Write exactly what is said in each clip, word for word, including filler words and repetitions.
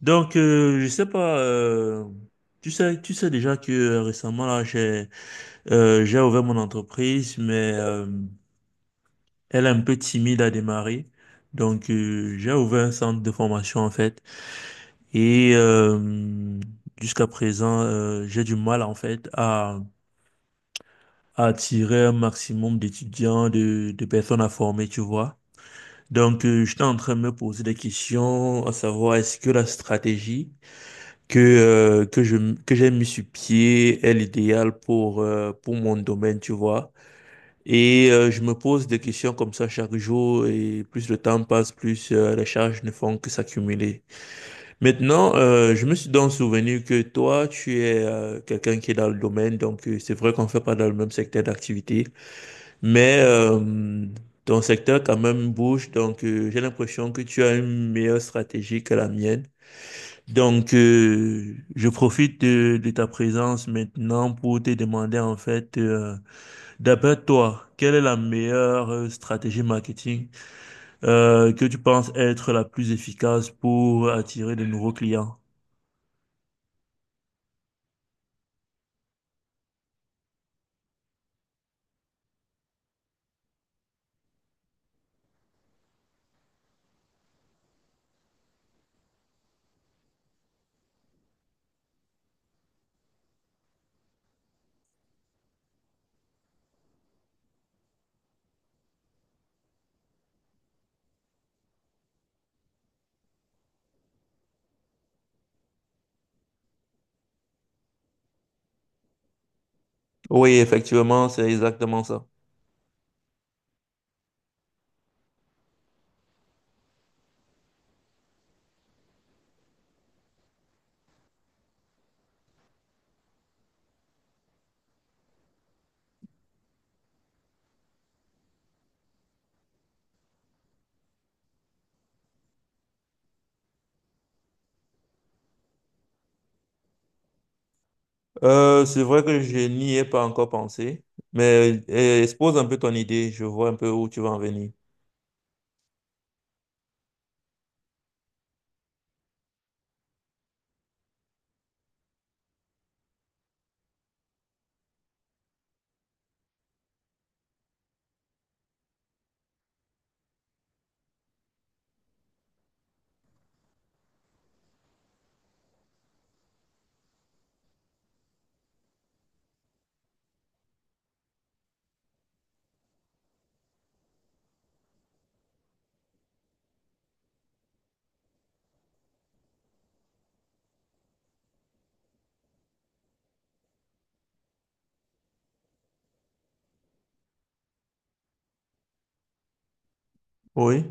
Donc, euh, je sais pas, euh, tu sais, tu sais déjà que euh, récemment, là, j'ai euh, j'ai ouvert mon entreprise, mais euh, elle est un peu timide à démarrer. Donc, euh, j'ai ouvert un centre de formation, en fait. Et euh, Jusqu'à présent, euh, j'ai du mal, en fait, à, à attirer un maximum d'étudiants, de, de personnes à former, tu vois. Donc, euh, j'étais en train de me poser des questions, à savoir, est-ce que la stratégie que, euh, que je, m- que j'ai mis sur pied est l'idéal pour, euh, pour mon domaine, tu vois. Et euh, je me pose des questions comme ça chaque jour et plus le temps passe, plus euh, les charges ne font que s'accumuler. Maintenant, euh, je me suis donc souvenu que toi, tu es euh, quelqu'un qui est dans le domaine, donc euh, c'est vrai qu'on fait pas dans le même secteur d'activité, mais euh, ton secteur quand même bouge, donc euh, j'ai l'impression que tu as une meilleure stratégie que la mienne. Donc, euh, je profite de, de ta présence maintenant pour te demander en fait, euh, d'après toi, quelle est la meilleure euh, stratégie marketing euh, que tu penses être la plus efficace pour attirer de nouveaux clients? Oui, effectivement, c'est exactement ça. Euh, c'est vrai que je n'y ai pas encore pensé, mais euh, expose un peu ton idée, je vois un peu où tu vas en venir. Oui,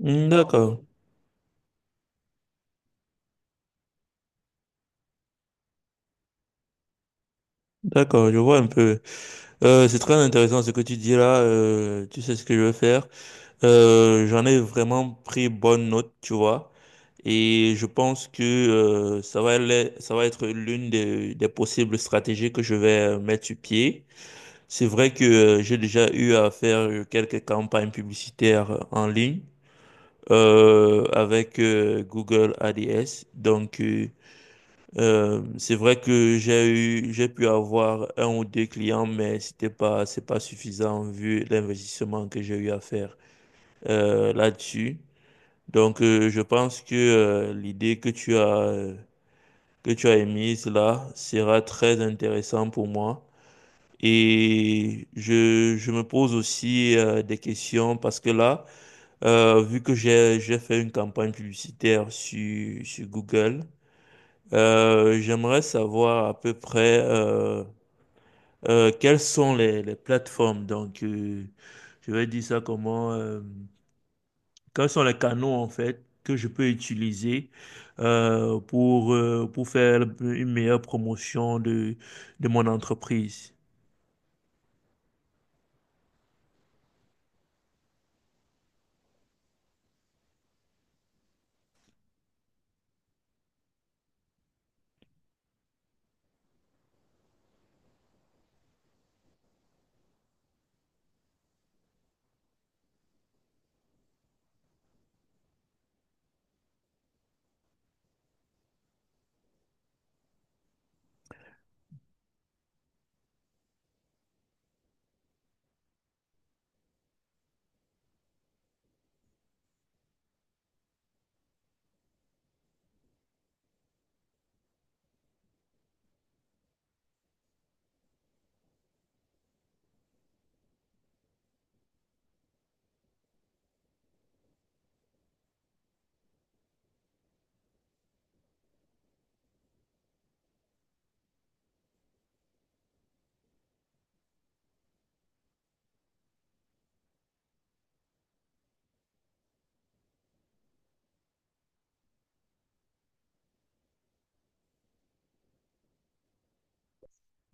hmm, d'accord, d'accord, je vois un peu. Euh, c'est très intéressant ce que tu dis là. Euh, tu sais ce que je veux faire. Euh, j'en ai vraiment pris bonne note, tu vois. Et je pense que euh, ça va l'être- ça va être l'une des, des possibles stratégies que je vais euh, mettre sur pied. C'est vrai que euh, j'ai déjà eu à faire euh, quelques campagnes publicitaires euh, en ligne euh, avec euh, Google A D S. Donc, euh, euh, c'est vrai que j'ai eu, j'ai pu avoir un ou deux clients, mais c'était pas, c'est pas suffisant vu l'investissement que j'ai eu à faire euh, là-dessus. Donc, euh, je pense que euh, l'idée que tu as, euh, que tu as émise là sera très intéressante pour moi. Et je, je me pose aussi euh, des questions parce que là, euh, vu que j'ai, j'ai fait une campagne publicitaire sur, sur Google, euh, j'aimerais savoir à peu près euh, euh, quelles sont les, les plateformes. Donc, euh, je vais dire ça comment. Euh, quels sont les canaux en fait que je peux utiliser euh, pour euh, pour faire une meilleure promotion de de mon entreprise.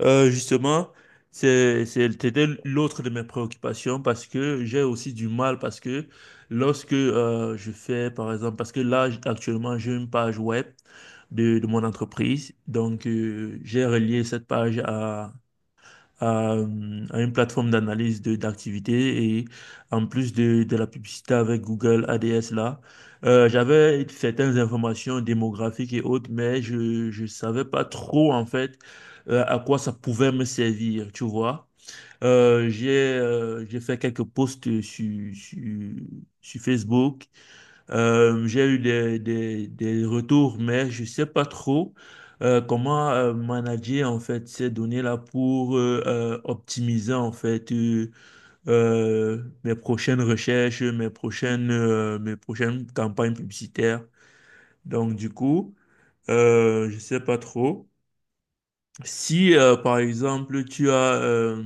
Euh, justement, c'est, c'est- c'était l'autre de mes préoccupations parce que j'ai aussi du mal parce que lorsque euh, je fais, par exemple, parce que là, j- actuellement, j'ai une page web de, de mon entreprise. Donc, euh, j'ai relié cette page à à, euh, à une plateforme d'analyse de d'activité et en plus de, de la publicité avec Google A D S là, euh, j'avais certaines informations démographiques et autres, mais je je savais pas trop en fait euh, à quoi ça pouvait me servir, tu vois. Euh, j'ai euh, j'ai fait quelques posts sur, sur, sur Facebook. Euh, j'ai eu des, des, des retours, mais je sais pas trop euh, comment euh, manager en fait ces données-là pour euh, euh, optimiser en fait euh, euh, mes prochaines recherches, mes prochaines, euh, mes prochaines campagnes publicitaires. Donc du coup, euh, je sais pas trop. Si euh, par exemple tu as euh,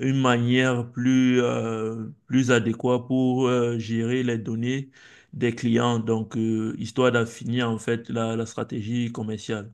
une manière plus, euh, plus adéquate pour euh, gérer les données des clients, donc euh, histoire d'affinir en fait la, la stratégie commerciale.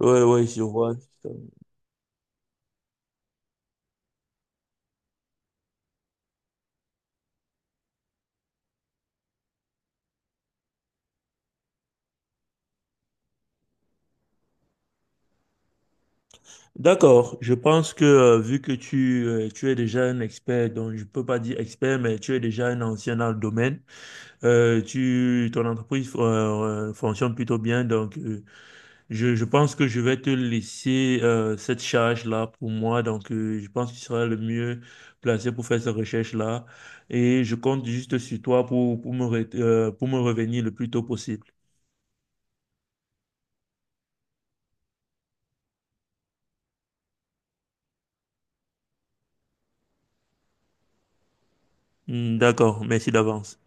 Ouais, ouais, je vois. D'accord, je pense que euh, vu que tu, euh, tu es déjà un expert, donc je peux pas dire expert, mais tu es déjà un ancien dans le domaine, euh, tu, ton entreprise euh, euh, fonctionne plutôt bien, donc euh, Je, je pense que je vais te laisser euh, cette charge-là pour moi. Donc, euh, je pense que tu seras le mieux placé pour faire cette recherche-là. Et je compte juste sur toi pour, pour me, re- euh, pour me revenir le plus tôt possible. Hmm, d'accord, merci d'avance.